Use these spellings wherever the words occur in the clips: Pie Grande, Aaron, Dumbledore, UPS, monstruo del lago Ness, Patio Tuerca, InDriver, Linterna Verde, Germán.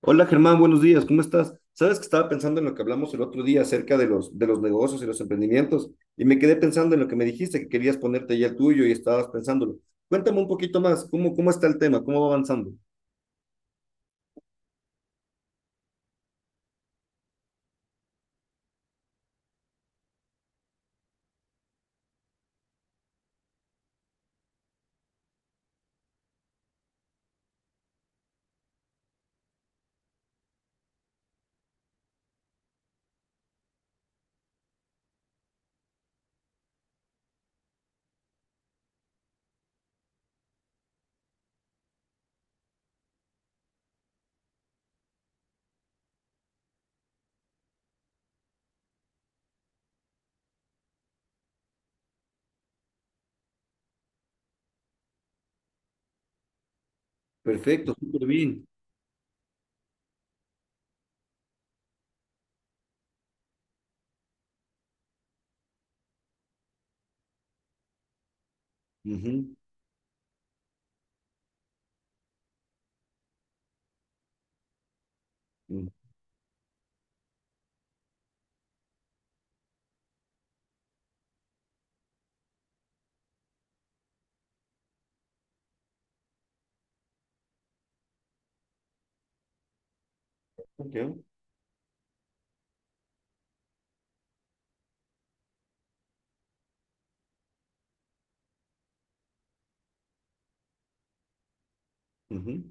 Hola Germán, buenos días, ¿cómo estás? Sabes que estaba pensando en lo que hablamos el otro día acerca de los negocios y los emprendimientos, y me quedé pensando en lo que me dijiste, que querías ponerte ya el tuyo y estabas pensándolo. Cuéntame un poquito más. ¿Cómo está el tema? ¿Cómo va avanzando? Perfecto, súper bien. Ujú, mm, ok, ujú.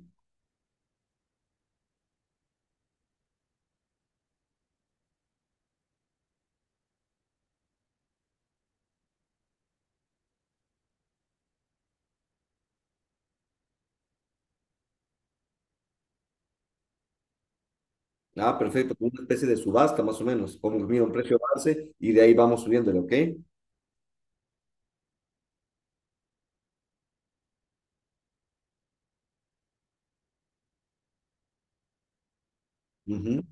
Ah, perfecto, como una especie de subasta más o menos, como mira un precio base y de ahí vamos subiéndolo, ¿ok? Ujú.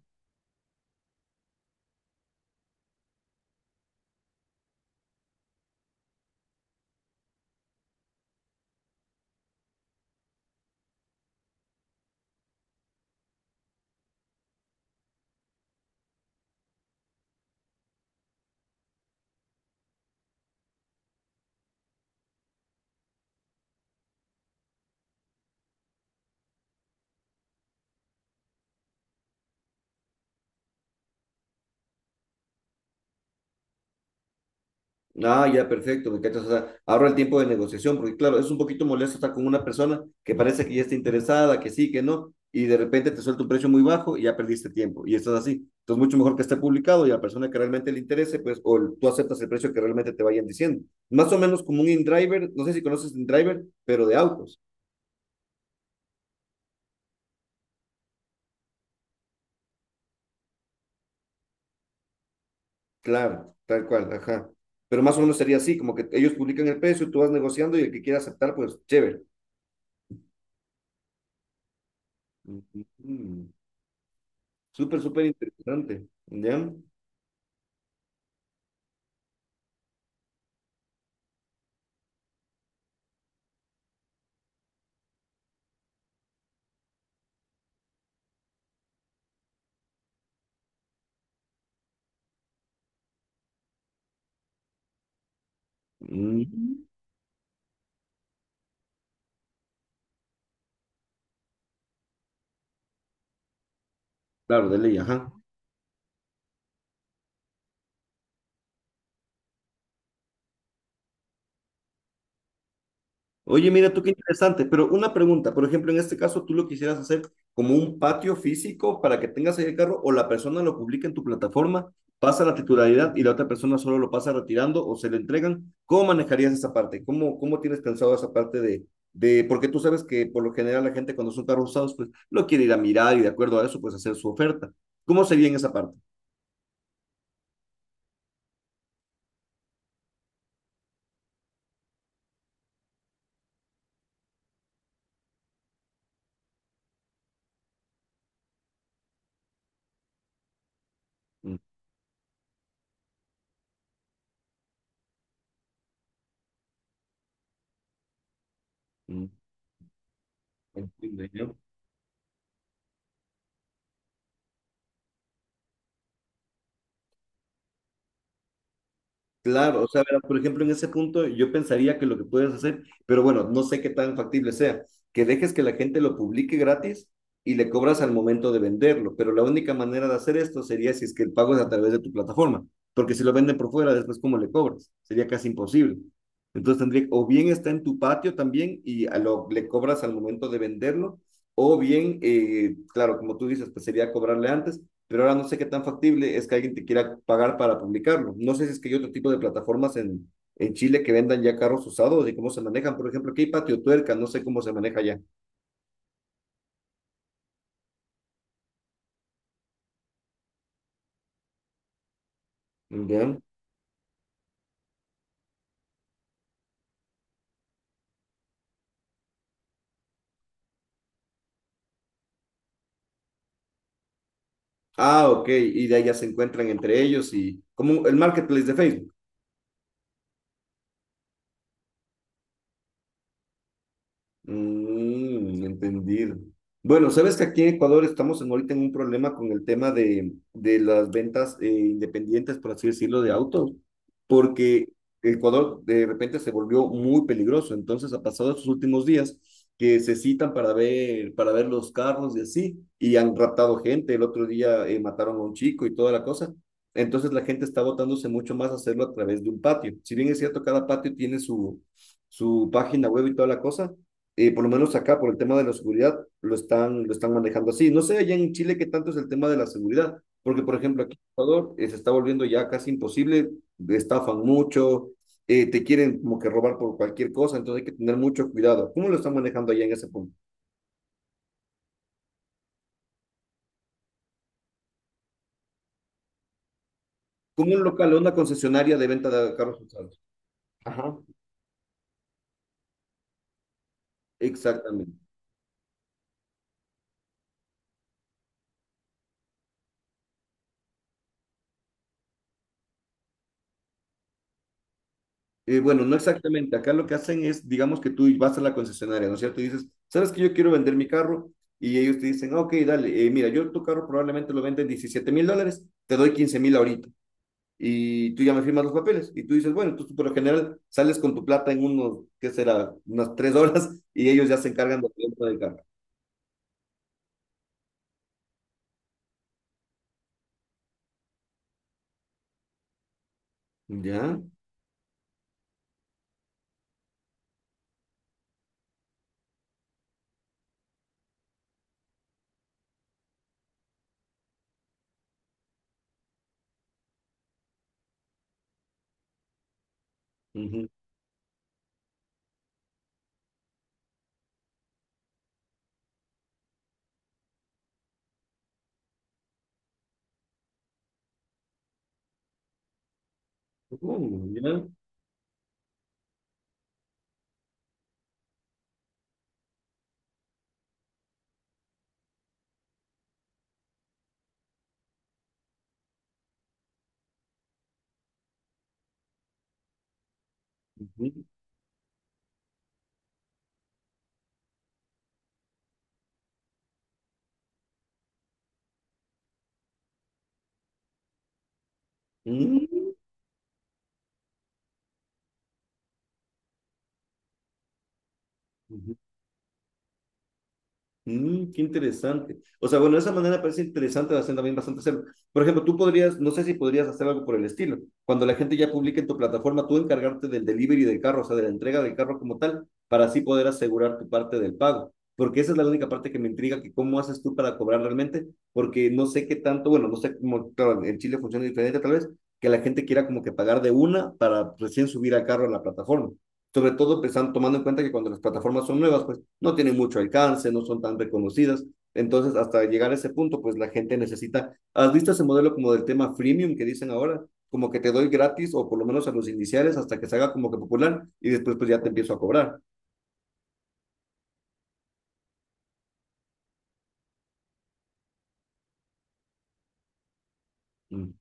Ah, ya, perfecto, me cachas. O sea, ahorra el tiempo de negociación, porque claro, es un poquito molesto estar con una persona que parece que ya está interesada, que sí, que no, y de repente te suelta un precio muy bajo y ya perdiste tiempo. Y esto es así. Entonces, mucho mejor que esté publicado y a la persona que realmente le interese, pues, tú aceptas el precio que realmente te vayan diciendo. Más o menos como un InDriver, no sé si conoces InDriver, pero de autos. Claro, tal cual, ajá. Pero más o menos sería así, como que ellos publican el precio, tú vas negociando y el que quiera aceptar, pues, chévere. Ujú. Súper, súper interesante. ¿Ya? Mm, claro, de ley, ajá. Oye, mira tú qué interesante, pero una pregunta, por ejemplo, en este caso, ¿tú lo quisieras hacer como un patio físico para que tengas ahí el carro, o la persona lo publica en tu plataforma, pasa la titularidad y la otra persona solo lo pasa retirando o se le entregan? ¿Cómo manejarías esa parte? ¿Cómo tienes pensado esa parte porque tú sabes que por lo general la gente, cuando son carros usados, pues lo quiere ir a mirar y de acuerdo a eso, pues hacer su oferta. ¿Cómo sería en esa parte? Mm, mm, entiendo. Claro, o sea, verás, por ejemplo, en ese punto yo pensaría que lo que puedes hacer, pero bueno, no sé qué tan factible sea, que dejes que la gente lo publique gratis y le cobras al momento de venderlo, pero la única manera de hacer esto sería si es que el pago es a través de tu plataforma, porque si lo venden por fuera, después ¿cómo le cobras? Sería casi imposible. Entonces tendría, o bien está en tu patio también y a lo, le cobras al momento de venderlo, o bien, claro, como tú dices, pues sería cobrarle antes, pero ahora no sé qué tan factible es que alguien te quiera pagar para publicarlo. No sé si es que hay otro tipo de plataformas en Chile que vendan ya carros usados y cómo se manejan. Por ejemplo, aquí hay Patio Tuerca, no sé cómo se maneja ya. ¿Ya? Ah, ok, y de ahí ya se encuentran entre ellos, y como el marketplace de Facebook. Mm, entendido. Bueno, sabes que aquí en Ecuador estamos ahorita en un problema con el tema de las ventas independientes, por así decirlo, de autos, porque Ecuador de repente se volvió muy peligroso. Entonces ha pasado estos últimos días que se citan para ver los carros y así, y han raptado gente. El otro día mataron a un chico y toda la cosa. Entonces la gente está botándose mucho más a hacerlo a través de un patio. Si bien es cierto, cada patio tiene su, su página web y toda la cosa, por lo menos acá, por el tema de la seguridad, lo están manejando así. No sé allá en Chile qué tanto es el tema de la seguridad, porque por ejemplo aquí en Ecuador se está volviendo ya casi imposible, estafan mucho, te quieren como que robar por cualquier cosa, entonces hay que tener mucho cuidado. ¿Cómo lo están manejando allá en ese punto? Como un local, una concesionaria de venta de carros usados. Ajá. Exactamente. Bueno, no exactamente. Acá lo que hacen es, digamos que tú vas a la concesionaria, ¿no es cierto? Y dices, ¿sabes que yo quiero vender mi carro? Y ellos te dicen, "Ah, ok, dale, mira, yo tu carro probablemente lo venden 17 mil dólares, te doy 15 mil ahorita. Y tú ya me firmas los papeles." Y tú dices, bueno, tú por lo general sales con tu plata en unos, ¿qué será? Unas 3 horas y ellos ya se encargan de la venta del carro. Ya. Ujú. Oh, ya. Ujú. Mm. Ujú. Mm, qué interesante. O sea, bueno, de esa manera parece interesante hacer también bastante hacerlo. Por ejemplo, tú podrías, no sé si podrías hacer algo por el estilo. Cuando la gente ya publique en tu plataforma, tú encargarte del delivery del carro, o sea, de la entrega del carro como tal, para así poder asegurar tu parte del pago. Porque esa es la única parte que me intriga, que cómo haces tú para cobrar realmente, porque no sé qué tanto, bueno, no sé cómo, claro, en Chile funciona diferente tal vez, que la gente quiera como que pagar de una para recién subir al carro en la plataforma. Sobre todo pensando, tomando en cuenta que cuando las plataformas son nuevas, pues no tienen mucho alcance, no son tan reconocidas. Entonces, hasta llegar a ese punto, pues la gente necesita, ¿has visto ese modelo como del tema freemium que dicen ahora? Como que te doy gratis, o por lo menos a los iniciales, hasta que se haga como que popular, y después pues ya te empiezo a cobrar. Mm.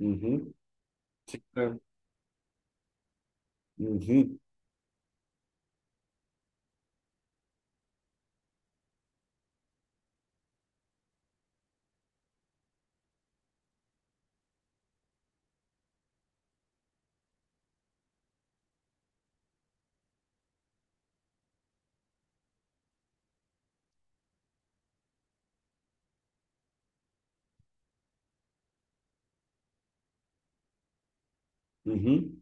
Ujú. Sí, claro. Ujú, ujú.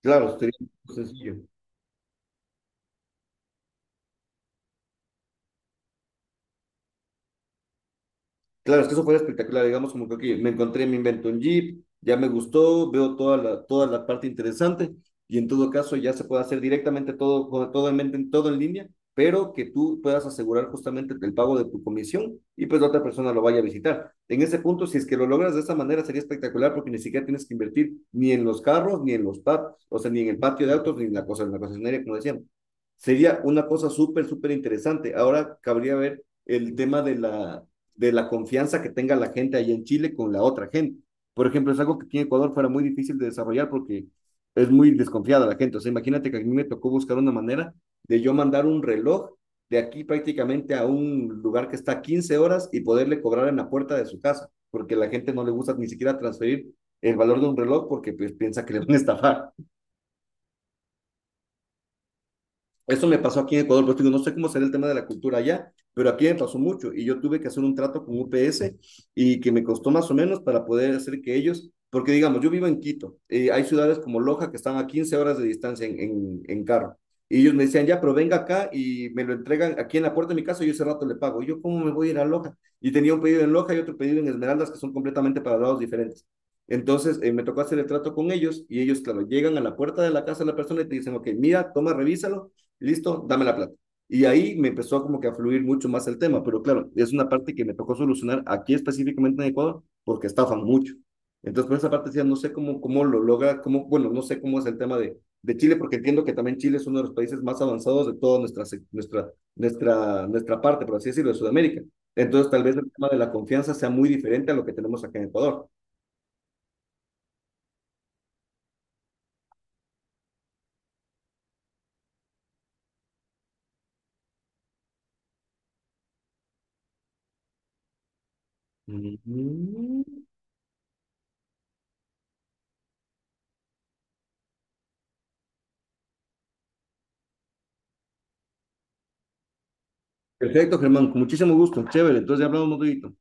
Claro, sería sencillo. Claro, es que eso fue espectacular, digamos, como que ok, me encontré, me invento un Jeep, ya me gustó, veo toda la parte interesante, y en todo caso ya se puede hacer directamente todo, todo en mente, todo en línea, pero que tú puedas asegurar justamente el pago de tu comisión y pues la otra persona lo vaya a visitar. En ese punto, si es que lo logras de esa manera, sería espectacular porque ni siquiera tienes que invertir ni en los carros, ni en los pubs, o sea, ni en el patio de autos, ni en la cosa, en la concesionaria, como decíamos. Sería una cosa súper, súper interesante. Ahora cabría ver el tema de la confianza que tenga la gente allá en Chile con la otra gente. Por ejemplo, es algo que aquí en Ecuador fuera muy difícil de desarrollar porque es muy desconfiada la gente. O sea, imagínate que a mí me tocó buscar una manera de yo mandar un reloj de aquí prácticamente a un lugar que está 15 horas, y poderle cobrar en la puerta de su casa, porque la gente no le gusta ni siquiera transferir el valor de un reloj porque pues, piensa que le van a estafar. Eso me pasó aquí en Ecuador, pues digo, no sé cómo será el tema de la cultura allá, pero aquí me pasó mucho y yo tuve que hacer un trato con UPS, y que me costó más o menos para poder hacer que ellos, porque digamos, yo vivo en Quito, hay ciudades como Loja que están a 15 horas de distancia en carro. Y ellos me decían, ya, pero venga acá y me lo entregan aquí en la puerta de mi casa, y yo ese rato le pago. Y yo, ¿cómo me voy a ir a Loja? Y tenía un pedido en Loja y otro pedido en Esmeraldas, que son completamente para lados diferentes. Entonces, me tocó hacer el trato con ellos, y ellos, claro, llegan a la puerta de la casa de la persona y te dicen, ok, mira, toma, revísalo, listo, dame la plata. Y ahí me empezó como que a fluir mucho más el tema, pero claro, es una parte que me tocó solucionar aquí específicamente en Ecuador porque estafan mucho. Entonces, por esa parte decía, no sé cómo, cómo lo logra, cómo, bueno, no sé cómo es el tema de Chile, porque entiendo que también Chile es uno de los países más avanzados de toda nuestra, nuestra parte, por así decirlo, de Sudamérica. Entonces, tal vez el tema de la confianza sea muy diferente a lo que tenemos acá en Ecuador. Mm-hmm. Perfecto, Germán, con muchísimo gusto, chévere, entonces ya hablamos un poquito.